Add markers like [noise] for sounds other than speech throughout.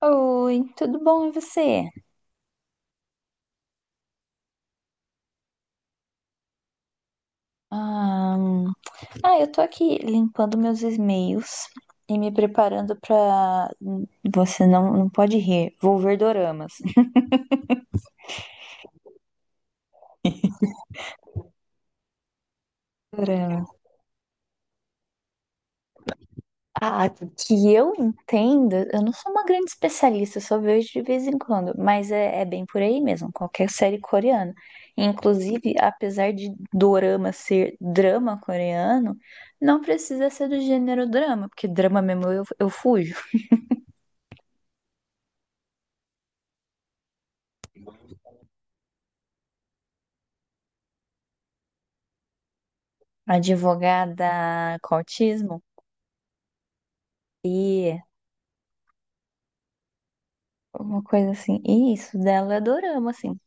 Oi, tudo bom e você? Ahn, Ah, eu tô aqui limpando meus e-mails e me preparando pra. Você não pode rir, vou ver doramas. Dorama. Ah, que eu entenda, eu não sou uma grande especialista, eu só vejo de vez em quando, mas é bem por aí mesmo, qualquer série coreana. Inclusive, apesar de dorama ser drama coreano, não precisa ser do gênero drama, porque drama mesmo eu fujo. Advogada com autismo e uma coisa assim. E isso dela é dorama, assim.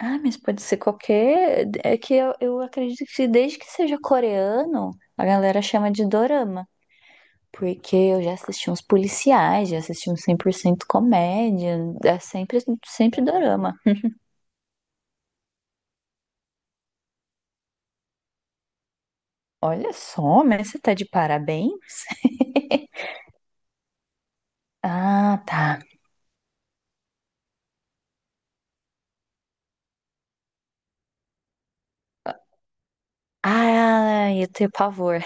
Ah, mas pode ser qualquer. É que eu acredito que desde que seja coreano, a galera chama de dorama. Porque eu já assisti uns policiais, já assisti uns 100% comédia, é sempre, sempre dorama. Olha só, mas você tá de parabéns? [laughs] Ah, tá. Ah, eu tenho pavor.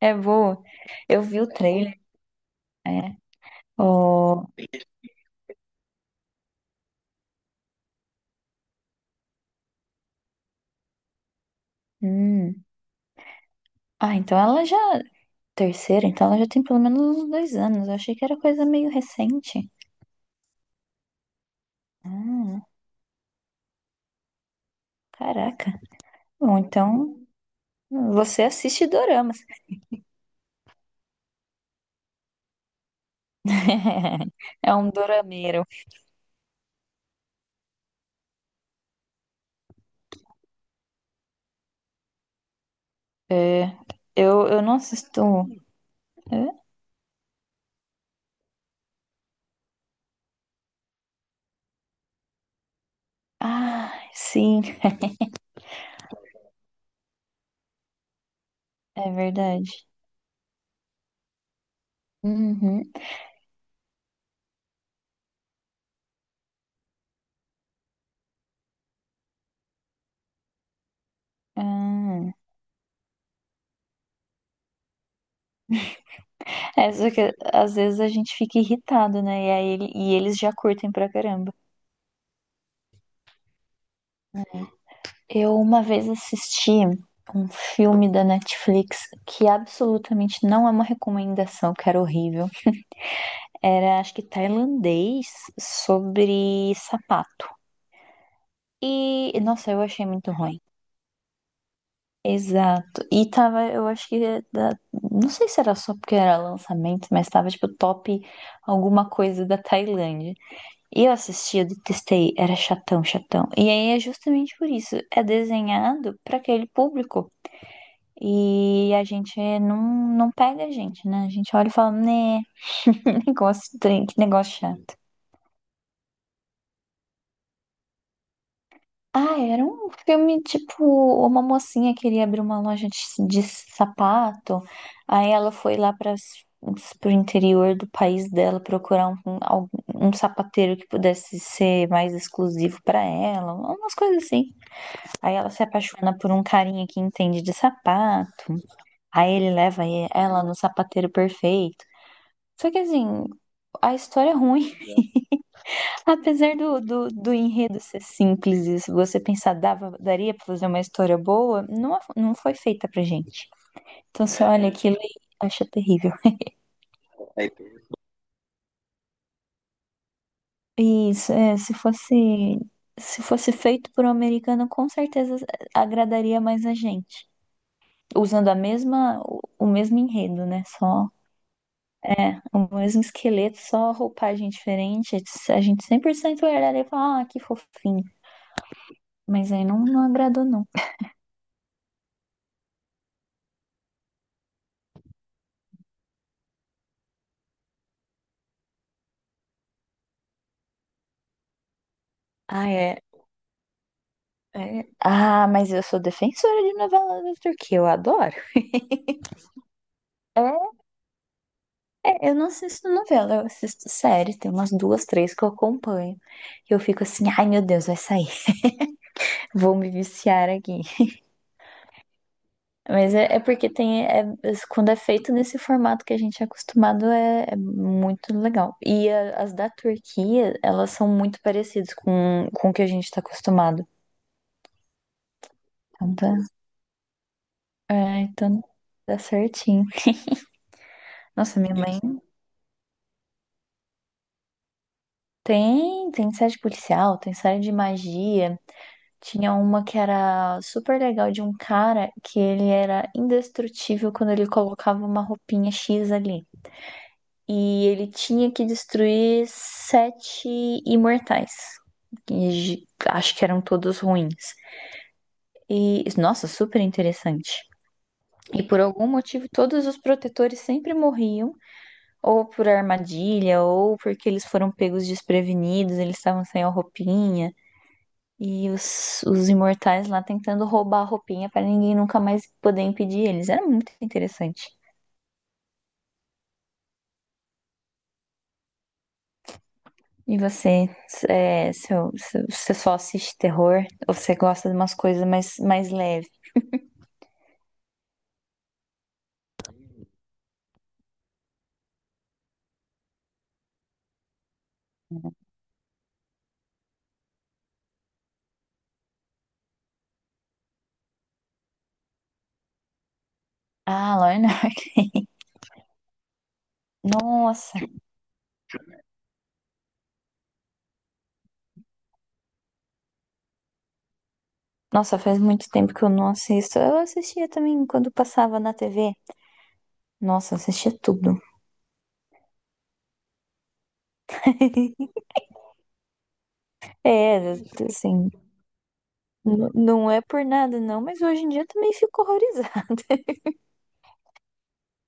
É bom. Eu vi o trailer. É. O. Hum. Ah, então ela já. Terceira, então ela já tem pelo menos uns 2 anos. Eu achei que era coisa meio recente. Ah, caraca. Bom, então você assiste doramas. [laughs] É um dorameiro. É. Eu não assisto. Hã? Ah, sim, é verdade. Uhum. Ah. É só que às vezes a gente fica irritado, né? E, aí, e eles já curtem pra caramba. Eu uma vez assisti um filme da Netflix que absolutamente não é uma recomendação, que era horrível. Era, acho que tailandês sobre sapato. E, nossa, eu achei muito ruim. Exato. E tava, eu acho que, não sei se era só porque era lançamento, mas tava tipo top alguma coisa da Tailândia. E eu assisti, eu detestei, era chatão, chatão. E aí é justamente por isso, é desenhado pra aquele público. E a gente não pega a gente, né? A gente olha e fala, né, [laughs] negócio, estranho, que negócio chato. Ah, era um filme tipo, uma mocinha queria abrir uma loja de sapato, aí ela foi lá para pro interior do país dela procurar um sapateiro que pudesse ser mais exclusivo para ela, umas coisas assim. Aí ela se apaixona por um carinha que entende de sapato, aí ele leva ela no sapateiro perfeito. Só que assim, a história é ruim, [laughs] apesar do enredo ser simples e se você pensar, dava, daria pra fazer uma história boa, não foi feita pra gente. Então você olha aquilo e acha terrível. E isso, é, se fosse feito por um americano, com certeza agradaria mais a gente. Usando a mesma, o mesmo enredo, né? Só o mesmo esqueleto, só roupagem diferente. A gente 100% olharia e falar, ah, que fofinho. Mas aí não agradou, não. Ah, é, é. Ah, mas eu sou defensora de novela da Turquia, eu adoro. É, é, eu não assisto novela, eu assisto séries, tem umas duas, três que eu acompanho. E eu fico assim, ai meu Deus, vai sair, [laughs] vou me viciar aqui. Mas é, é porque tem, é- é, quando é feito nesse formato que a gente é acostumado, é muito legal. E as da Turquia, elas são muito parecidas com o que a gente tá acostumado. Então, é, então dá certinho. Nossa, minha mãe. Tem série de policial, tem série de magia. Tinha uma que era super legal de um cara que ele era indestrutível quando ele colocava uma roupinha X ali. E ele tinha que destruir sete imortais. Acho que eram todos ruins. E, nossa, super interessante. E por algum motivo, todos os protetores sempre morriam, ou por armadilha, ou porque eles foram pegos desprevenidos, eles estavam sem a roupinha. E os imortais lá tentando roubar a roupinha pra ninguém nunca mais poder impedir eles. Era muito interessante. E você, é, você só assiste terror ou você gosta de umas coisas mais leve? Ah, Lorna. [laughs] Nossa, nossa, faz muito tempo que eu não assisto. Eu assistia também quando passava na TV. Nossa, eu assistia tudo. [laughs] É, assim, não é por nada não, mas hoje em dia eu também fico horrorizada. [laughs]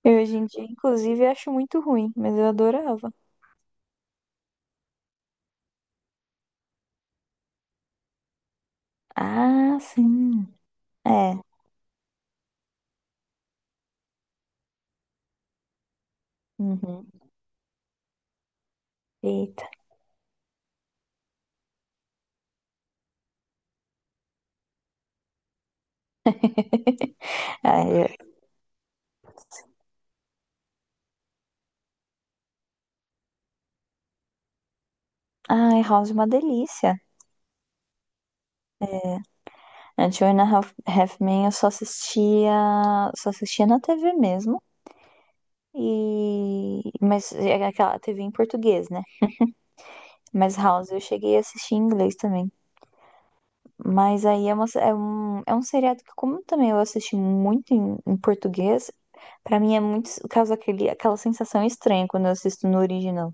Eu, hoje em dia, inclusive, acho muito ruim, mas eu adorava. Ah, sim. É. Uhum. Eita. [laughs] Ai, eu- House é uma delícia. A Two and a Half, Half Men eu só assistia na TV mesmo. E mas é aquela TV em português, né? Mas House eu cheguei a assistir em inglês também. Mas aí é, uma, é um seriado que como também eu assisti muito em português, pra mim é muito causa aquele aquela sensação estranha quando eu assisto no original.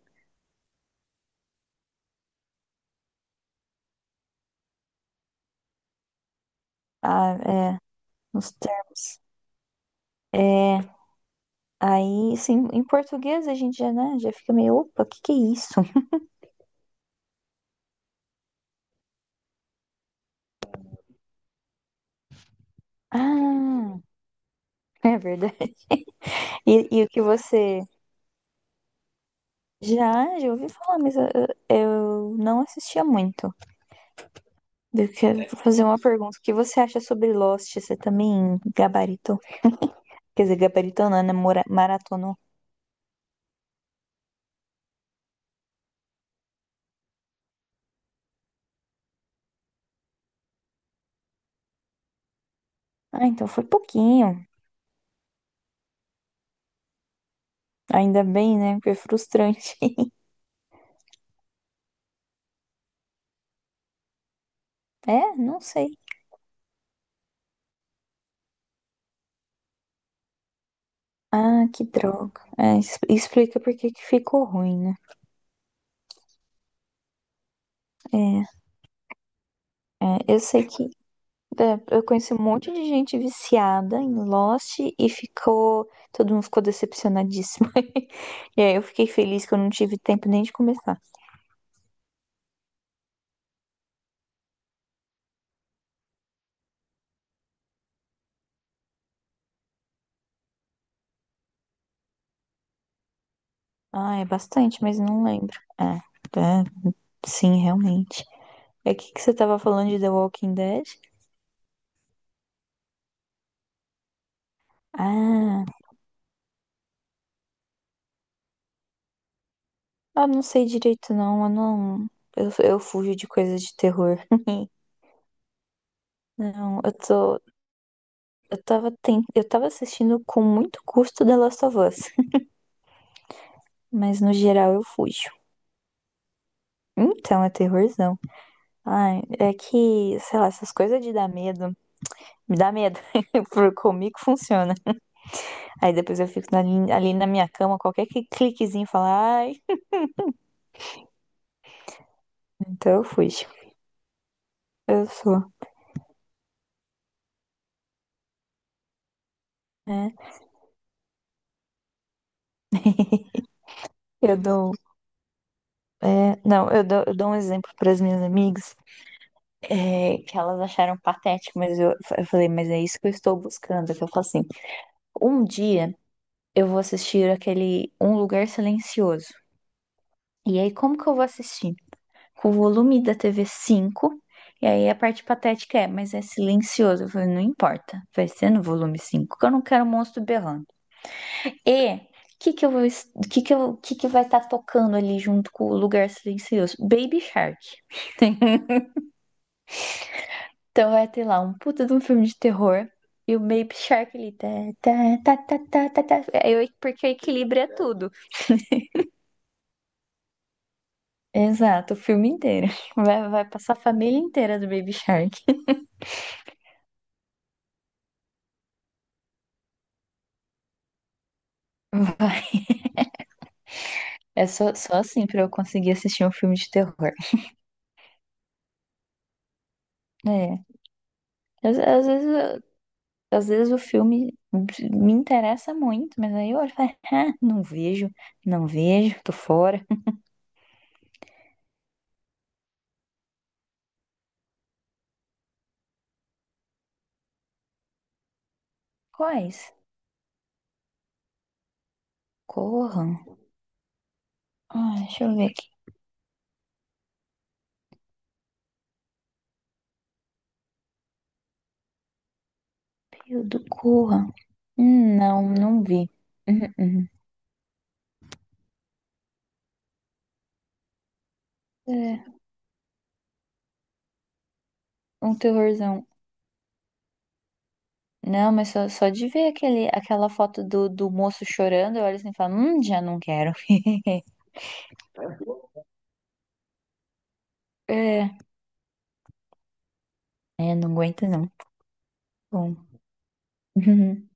Ah, é, nos termos. É. Aí, assim, em português a gente já, né, já fica meio, opa, o que que é isso? [laughs] Ah, é verdade. O que você já ouvi falar, mas eu não assistia muito. Eu quero fazer uma pergunta. O que você acha sobre Lost? Você também gabaritou? Quer dizer, gabaritou não, né? Maratonou. Ah, então foi pouquinho. Ainda bem, né? Porque é frustrante. [laughs] É, não sei. Ah, que droga. É, explica por que que ficou ruim, né? É, é, eu sei que. É, eu conheci um monte de gente viciada em Lost e ficou. Todo mundo ficou decepcionadíssimo. [laughs] E aí eu fiquei feliz que eu não tive tempo nem de começar. Ah, é bastante, mas não lembro. É, sim, realmente. É o que que você tava falando de The Walking Dead? Ah, eu não sei direito, não. Eu não. Eu fujo de coisas de terror. [laughs] Não, eu tô. Eu tava, assistindo com muito custo The Last of Us. [laughs] Mas no geral eu fujo. Então, é terrorzão. Ai, é que, sei lá, essas coisas de dar medo, me dá medo. [laughs] Por comigo funciona. Aí depois eu fico ali na minha cama, qualquer cliquezinho fala, ai. Então eu fui. Eu sou, né? Eu dou, é, não, eu dou, Eu dou um exemplo para as minhas amigas, é, que elas acharam patético, mas eu falei, mas é isso que eu estou buscando. Que eu falo assim, um dia eu vou assistir aquele Um Lugar Silencioso. E aí, como que eu vou assistir? Com o volume da TV cinco. E aí a parte patética é, mas é silencioso. Eu falei, não importa, vai ser no volume 5 que eu não quero monstro berrando. E o que que eu vou, que eu, que vai estar tocando ali junto com o lugar silencioso? Baby Shark. Então vai ter lá um puta de um filme de terror e o Baby Shark ali tá tá tá tá tá tá, tá. É, porque equilíbrio é tudo. Exato, o filme inteiro. [laughs] Vai, vai Passar a família inteira do Baby Shark. [laughs] Vai. É só assim pra eu conseguir assistir um filme de terror. É. Às, às vezes, eu- às vezes o filme me interessa muito, mas aí eu olho e falo, [laughs] ah, não vejo, não vejo, tô fora. Quais? Corram. Ah, deixa eu ver aqui. Período Corra. Não, não vi. Uhum, uhum. É, um terrorzão. Não, mas só de ver aquela foto do moço chorando, eu olho assim e falo, já não quero. [laughs] É, é, não aguento não. Bom. [laughs]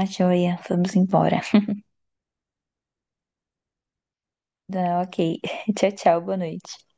A joia, vamos embora. Tá, ok. [laughs] Tchau, tchau, boa noite.